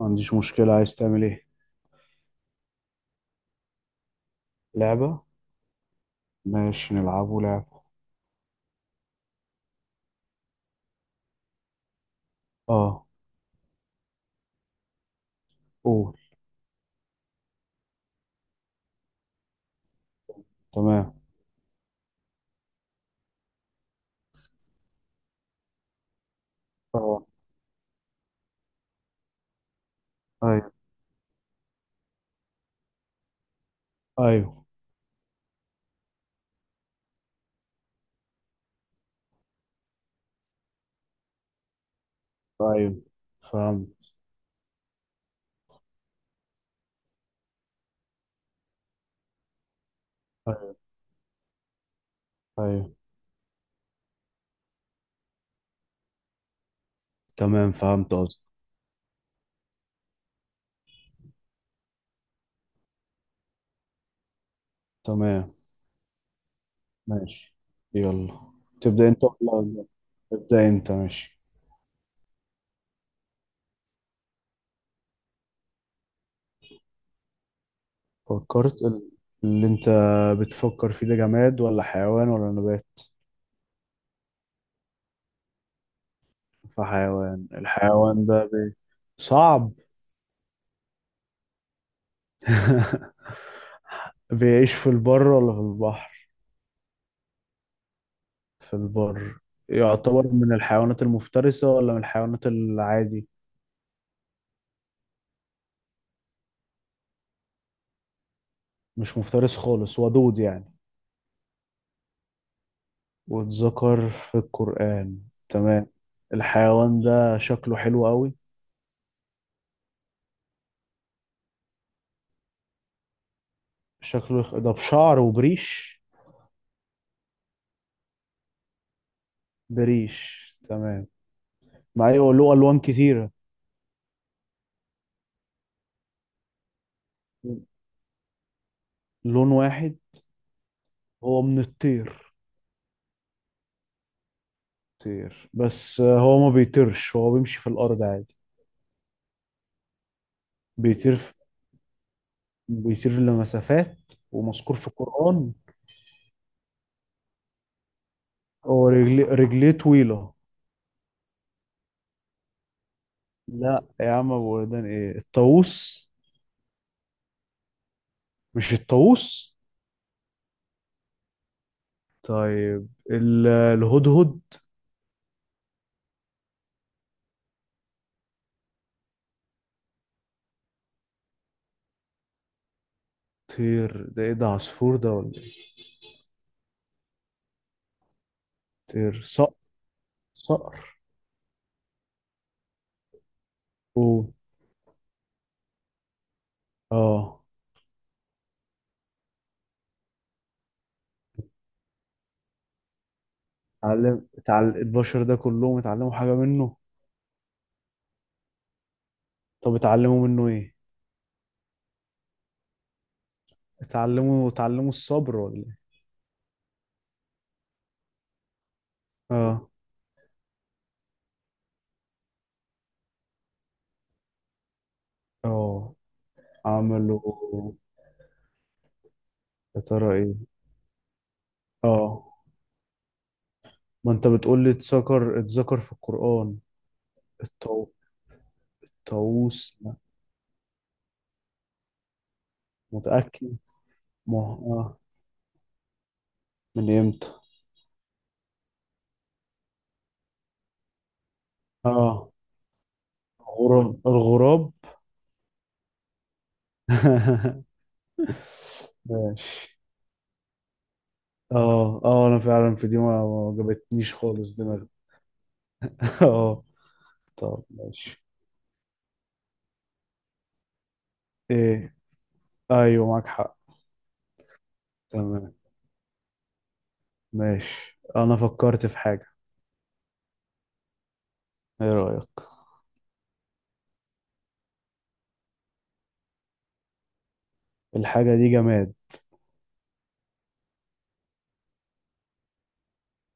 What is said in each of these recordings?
ما عنديش مشكلة، عايز تعمل ايه؟ لعبة؟ ماشي، نلعبه لعبة. اه. قول. تمام. اه. ايوه. ايوه. ايوه. فهمت. ايوه. ايوه. تمام، فهمت قصدي. تمام. ماشي. يلا. تبدأ انت ولا أبدأ؟ ابدأ انت، ماشي. فكرت. اللي انت بتفكر فيه ده جماد ولا حيوان ولا نبات؟ فحيوان، الحيوان ده. صعب. بيعيش في البر ولا في البحر؟ في البر. يعتبر من الحيوانات المفترسة ولا من الحيوانات العادي؟ مش مفترس خالص، ودود يعني. واتذكر في القرآن. تمام. الحيوان ده شكله حلو قوي. شكله ده بشعر وبريش؟ بريش، تمام. مع ايه له ألوان كتيرة؟ لون واحد. هو من الطير؟ طير، بس هو ما بيطيرش، هو بيمشي في الأرض عادي؟ بيطير في... بيطير لمسافات. ومذكور في القرآن؟ هو رجليه طويلة؟ لا يا عم، ابو وردان، ايه الطاووس؟ مش الطاووس؟ طيب الهدهد؟ طير، ده ايه، ده عصفور ده ولا ايه؟ طير، صقر؟ صقر؟ اوه. اه. اتعلم البشر ده كلهم اتعلموا حاجة منه؟ طب اتعلموا منه ايه؟ اتعلموا الصبر ولا ايه؟ اه. اه. عملوا؟ يا ترى ايه؟ اه. ما انت بتقول لي اتذكر في القرآن. الطاو- الطاووس؟ لا. متأكد؟ ما هو- اه. من امتى؟ اه. الغراب. ماشي. اه، اه، انا فعلا في دي ما جابتنيش خالص دماغي. اه. طب، ماشي. ايه؟ ايوه، معاك حق. تمام. ماشي، انا فكرت في حاجة. ايه رأيك؟ الحاجة دي جماد.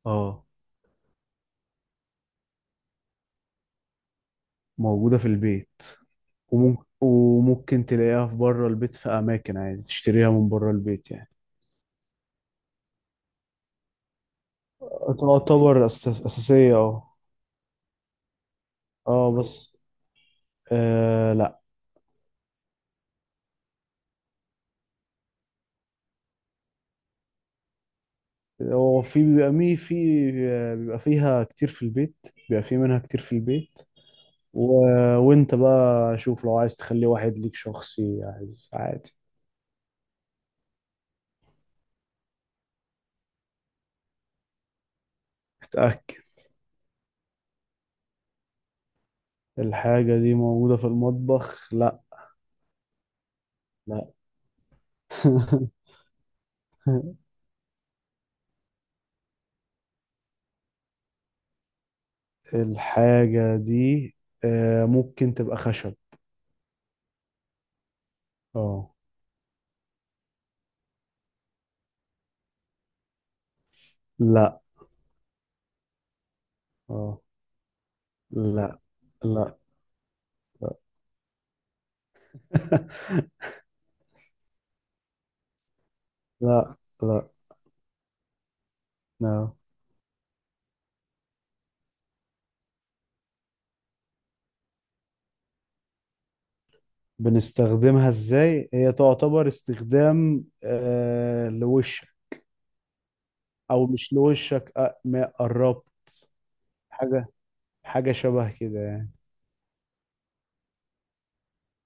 اه، موجودة في البيت. وممكن تلاقيها في بره البيت، في اماكن عادي تشتريها من بره البيت يعني. تعتبر اساسية، اه. اه، بس، آه هو في بيبقى مي، في بيبقى فيها كتير في البيت، بيبقى في منها كتير في البيت. و... وانت بقى شوف، لو عايز تخليه واحد ليك شخصي، عايز، عادي. اتأكد. الحاجة دي موجودة في المطبخ؟ لا. لا. الحاجة دي ممكن تبقى خشب. اه. لا. اه. لا، لا. لا، لا، لا. بنستخدمها ازاي؟ هي تعتبر استخدام لوشك. او مش لوشك، ما قربت. حاجه. حاجه شبه كده يعني.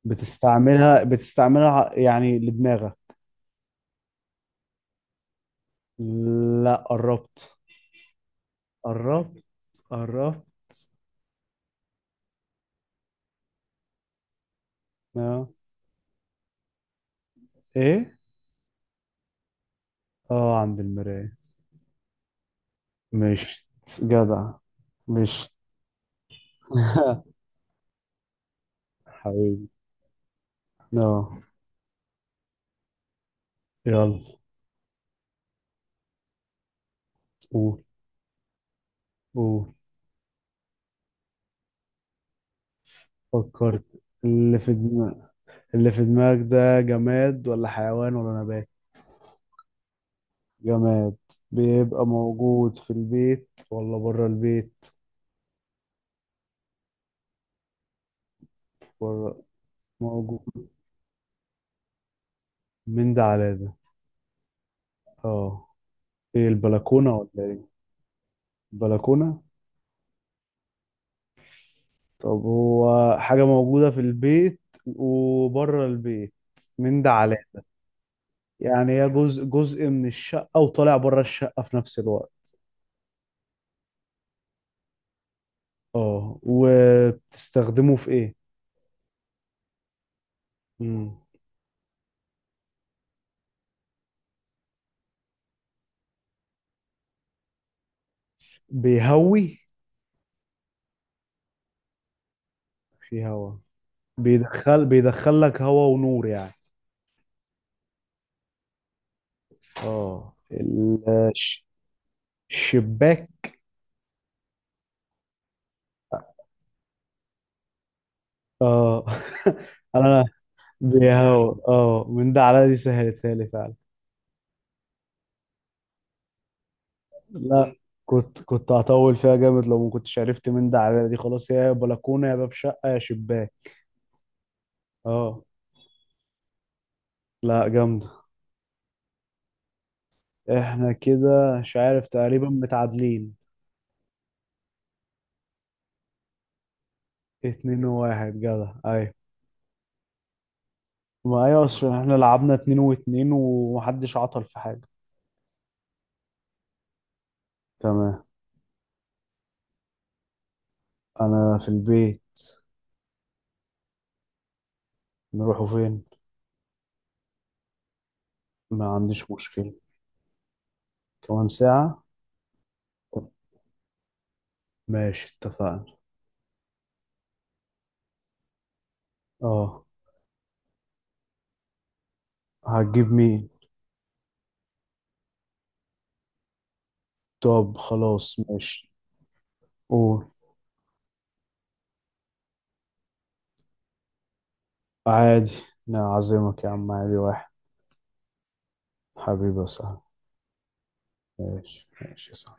بتستعملها يعني لدماغك. لا، قربت. قربت. قربت. اه. ايه. اه، عند المرايه. مش. جدع. مش. حبيبي. اه. يلا. قول. قول. فكرت. اللي في دماغ اللي في دماغك ده جماد ولا حيوان ولا نبات؟ جماد؟ بيبقى موجود في البيت ولا بره البيت؟ بره. موجود. من ده على ده؟ اه. ايه، البلكونة ولا ايه؟ البلكونة؟ طب هو حاجة موجودة في البيت وبره البيت؟ من ده على ده. يعني هي جزء من الشقة وطالع بره الشقة في نفس الوقت. اه، وبتستخدمه في ايه؟ مم. بيهوي. في هوا. بيدخل لك هوا ونور يعني. اه، الشباك. اه. انا اه، من ده على دي سهلتها لي فعلا. لا، مم. كنت هطول فيها جامد لو ما كنتش عرفت من ده على دي، خلاص يا بلكونه يا باب شقه يا شباك. اه. لا، جامده. احنا كده مش عارف، تقريبا متعادلين. 2-1، جدع، ايوه. ما ايوه، اصل احنا لعبنا 2-2 ومحدش عطل في حاجه. تمام. انا في البيت. نروحوا فين؟ ما عنديش مشكله. كمان ساعه. ماشي، اتفقنا. اه. هتجيب مين؟ طب خلاص، ماشي. قول. عادي. نعزمك يا عم، عادي واحد. حبيبي يا صاحبي. ماشي، ماشي يا صاحبي.